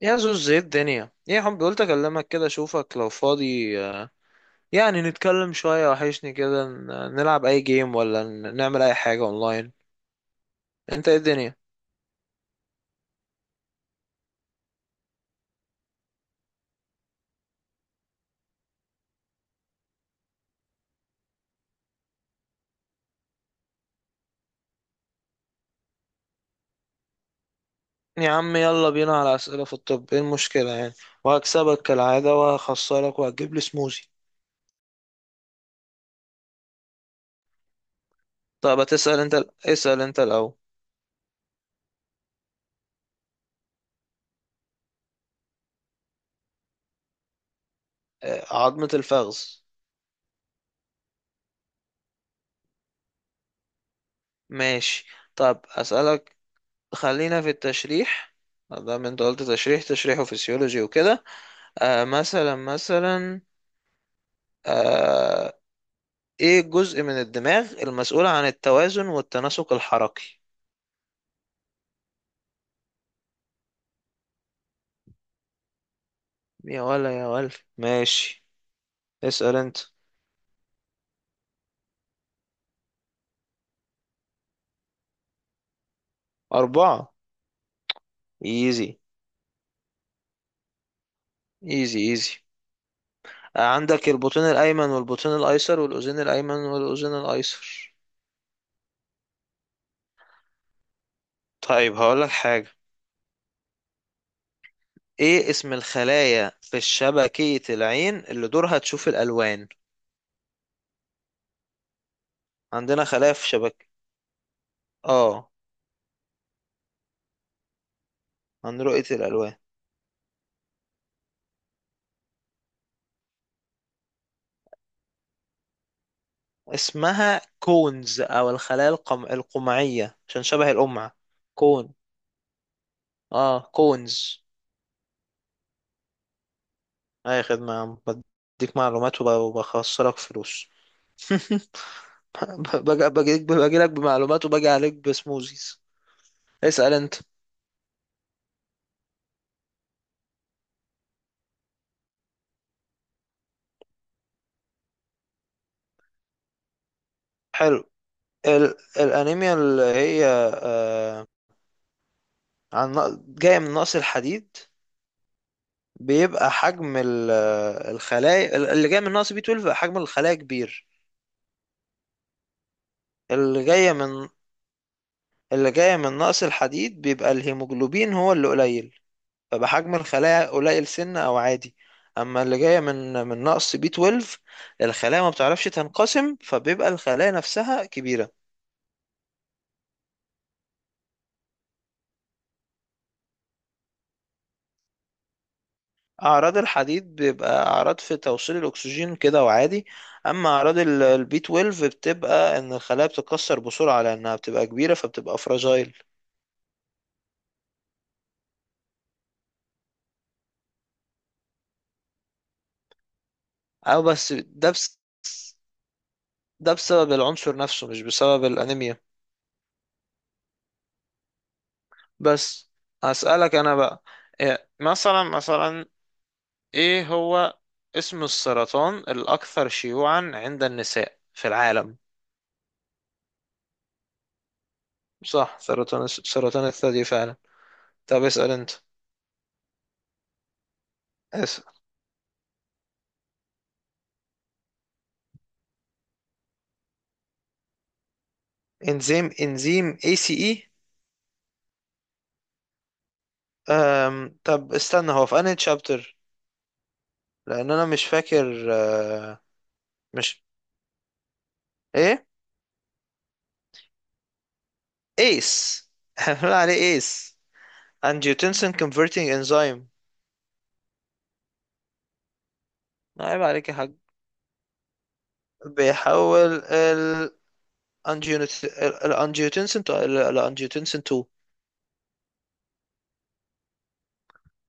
يا زوز، ايه الدنيا؟ ايه يا حب؟ قلت اكلمك كده، اشوفك لو فاضي. يعني نتكلم شوية، وحشني كده. نلعب اي جيم، ولا نعمل اي حاجة اونلاين. انت ايه الدنيا؟ يا عم يلا بينا على اسئلة في الطب، ايه المشكلة يعني؟ وهكسبك كالعادة وهخسرك وهتجيب لي سموزي. طب هتسأل انت، اسأل انت الاول. عظمة الفخذ. ماشي. طب اسألك، خلينا في التشريح. ده انت قلت تشريح تشريح وفسيولوجي وكده. مثلا مثلا، آه، ايه الجزء من الدماغ المسؤول عن التوازن والتناسق الحركي؟ يا ولا يا ولا، ماشي. اسأل انت. أربعة. ايزي، ايزي ايزي. عندك البطين الأيمن والبطين الأيسر والأذين الأيمن والأذين الأيسر. طيب هقولك حاجة، ايه اسم الخلايا في شبكية العين اللي دورها تشوف الألوان؟ عندنا خلايا في شبكة. اه، عن رؤية الألوان. اسمها كونز، أو الخلايا القمعية، عشان شبه القمع. كون. اه، كونز. اي خدمة يا عم، بديك معلومات وبخسرك فلوس. باجي باجي باجي لك بمعلومات، وباجي عليك بسموزيز. اسأل انت. حلو. الانيميا اللي هي، آه جاية من نقص الحديد، بيبقى حجم الخلايا. اللي جاية من نقص بي 12 بيبقى حجم الخلايا كبير. اللي جاية من اللي جاية من نقص الحديد بيبقى الهيموجلوبين هو اللي قليل، فبحجم الخلايا قليل سن او عادي. اما اللي جايه من نقص بي 12، الخلايا ما بتعرفش تنقسم، فبيبقى الخلايا نفسها كبيره. اعراض الحديد بيبقى اعراض في توصيل الاكسجين كده وعادي. اما اعراض البي 12 بتبقى ان الخلايا بتتكسر بسرعه لانها بتبقى كبيره، فبتبقى فراجايل. او بس، ده بس، ده بسبب العنصر نفسه مش بسبب الانيميا. بس، هسألك انا بقى. مثلا مثلا، ايه هو اسم السرطان الاكثر شيوعا عند النساء في العالم؟ صح، سرطان الثدي فعلا. طب اسأل انت. اسأل. انزيم اي سي اي. طب استنى، هو في انهي تشابتر؟ لان انا مش فاكر. مش، ايه، ايس. بنقول عليه ايس، انجيوتنسين كونفرتنج انزيم. عيب عليك يا حاج. بيحول ال الانجيوتنسين الانجيوتنسين 2.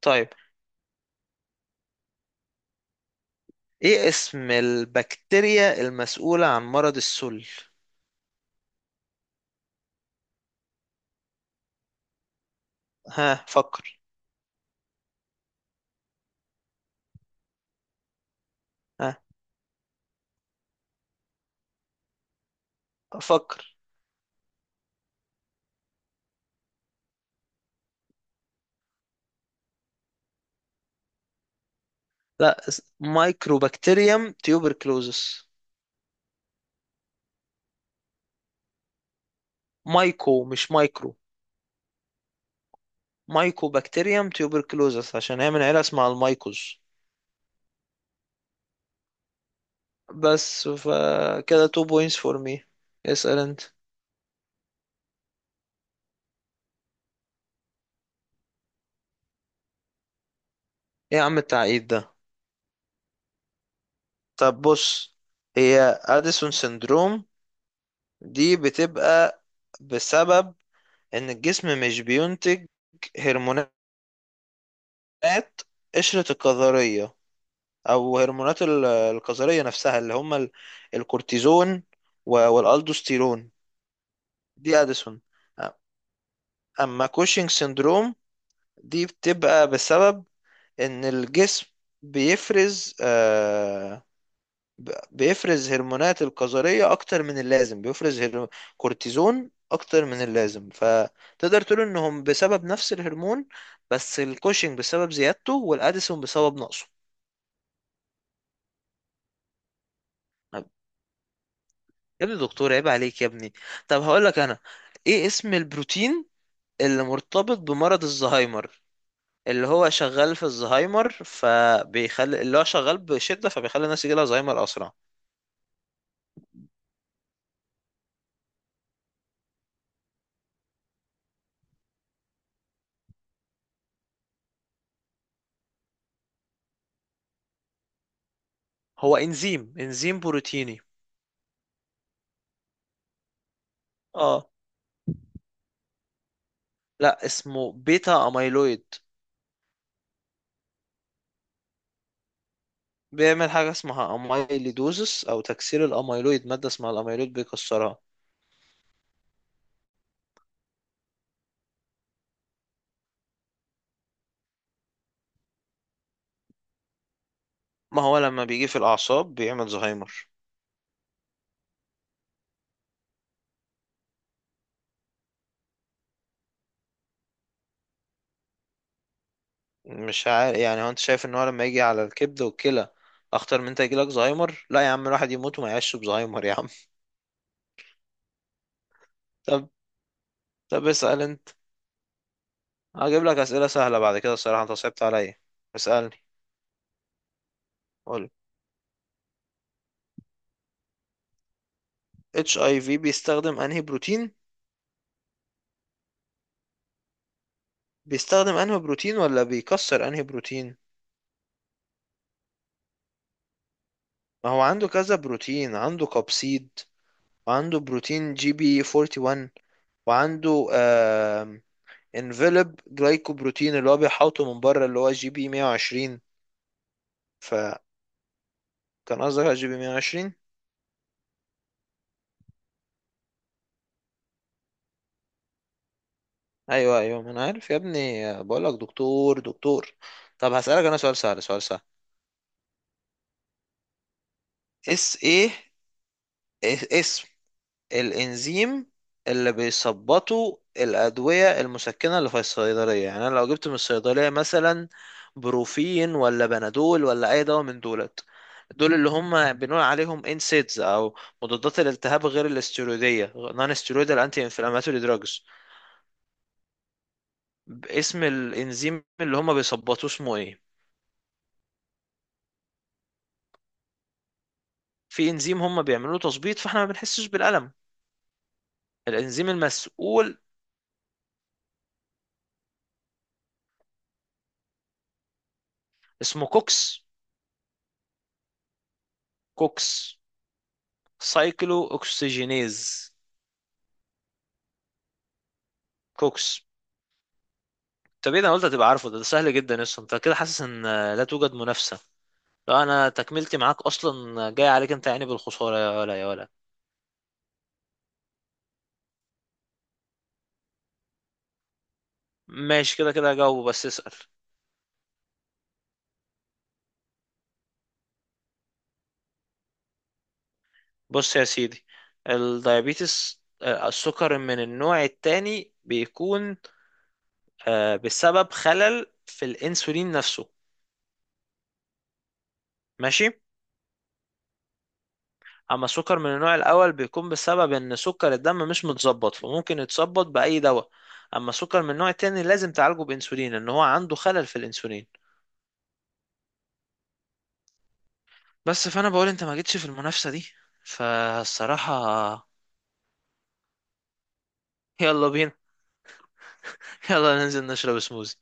طيب ايه اسم البكتيريا المسؤولة عن مرض السل؟ ها فكر. ها فكر. لا، مايكروبكتيريم تيوبركلوزس. مايكو، مش مايكرو. مايكو بكتيريم تيوبركلوزس، عشان هي من عيلة اسمها المايكوز. بس فكده 2 بوينتس فور مي. اسأل انت. ايه يا عم التعقيد ده؟ طب بص، هي اديسون سندروم، دي بتبقى بسبب ان الجسم مش بينتج هرمونات، هرمونات قشرة الكظرية، أو هرمونات الكظرية نفسها، اللي هما الكورتيزون والألدوستيرون. دي أديسون. أما كوشنج سيندروم، دي بتبقى بسبب إن الجسم بيفرز، بيفرز هرمونات الكظرية أكتر من اللازم، بيفرز كورتيزون أكتر من اللازم، فتقدر تقول إنهم بسبب نفس الهرمون، بس الكوشنج بسبب زيادته والأديسون بسبب نقصه. يا ابني دكتور، عيب عليك يا ابني. طب هقول لك انا، ايه اسم البروتين اللي مرتبط بمرض الزهايمر، اللي هو شغال في الزهايمر، فبيخلي، اللي هو شغال بشدة، فبيخلي الناس يجيلها زهايمر اسرع؟ هو انزيم بروتيني. اه. لا، اسمه بيتا اميلويد. بيعمل حاجة اسمها اميليدوزس، او تكسير الاميلويد. مادة اسمها الاميلويد بيكسرها. ما هو لما بيجي في الاعصاب بيعمل زهايمر. مش عارف يعني، هو انت شايف ان هو لما يجي على الكبد والكلى اخطر من انت يجيلك زهايمر؟ لا يا عم، الواحد يموت وما يعيش بزهايمر يا عم. طب طب اسأل انت. هجيب لك اسئلة سهلة بعد كده، الصراحة انت صعبت عليا. اسألني. قول. اتش اي في بيستخدم انهي بروتين؟ بيستخدم انهي بروتين ولا بيكسر انهي بروتين؟ ما هو عنده كذا بروتين، عنده كابسيد، وعنده بروتين جي بي 41، وعنده انفلوب جلايكوبروتين اللي هو بيحوطه من بره، اللي هو جي بي 120. كان قصدك على جي بي 120؟ ايوه ايوه، ما انا عارف يا ابني، بقول لك دكتور، دكتور. طب هسألك انا سؤال سهل، سؤال سهل. اس ايه، اسم الانزيم اللي بيثبطوا الادويه المسكنه اللي في الصيدليه. يعني انا لو جبت من الصيدليه مثلا بروفين ولا بنادول ولا اي دواء من دولت، دول اللي هم بنقول عليهم انسيدز، او مضادات الالتهاب غير الاستيرويديه، نون ستيرويدال انتي انفلاماتوري دراجز. اسم الانزيم اللي هم بيثبطوه اسمه ايه؟ في انزيم هم بيعملوا تظبيط، فاحنا ما بنحسش بالألم. الانزيم المسؤول، اسمه كوكس. كوكس، سايكلو اوكسجينيز، كوكس. طب ايه ده، انا قلت هتبقى عارفه ده، ده سهل جدا اصلا. انت كده حاسس ان لا توجد منافسة؟ لو انا تكملتي معاك اصلا جاي عليك انت يعني بالخسارة. يا ولا يا ولا، ماشي كده كده. جاوب بس، اسأل. بص يا سيدي، الدايابيتس، السكر من النوع التاني بيكون، بسبب خلل في الانسولين نفسه. ماشي. اما السكر من النوع الاول بيكون بسبب ان سكر الدم مش متظبط، فممكن يتظبط باي دواء. اما السكر من النوع التاني لازم تعالجه بانسولين، ان هو عنده خلل في الانسولين. بس، فانا بقول انت ما جيتش في المنافسة دي، فالصراحة. يلا بينا. يلا ننزل نشرب سموزي.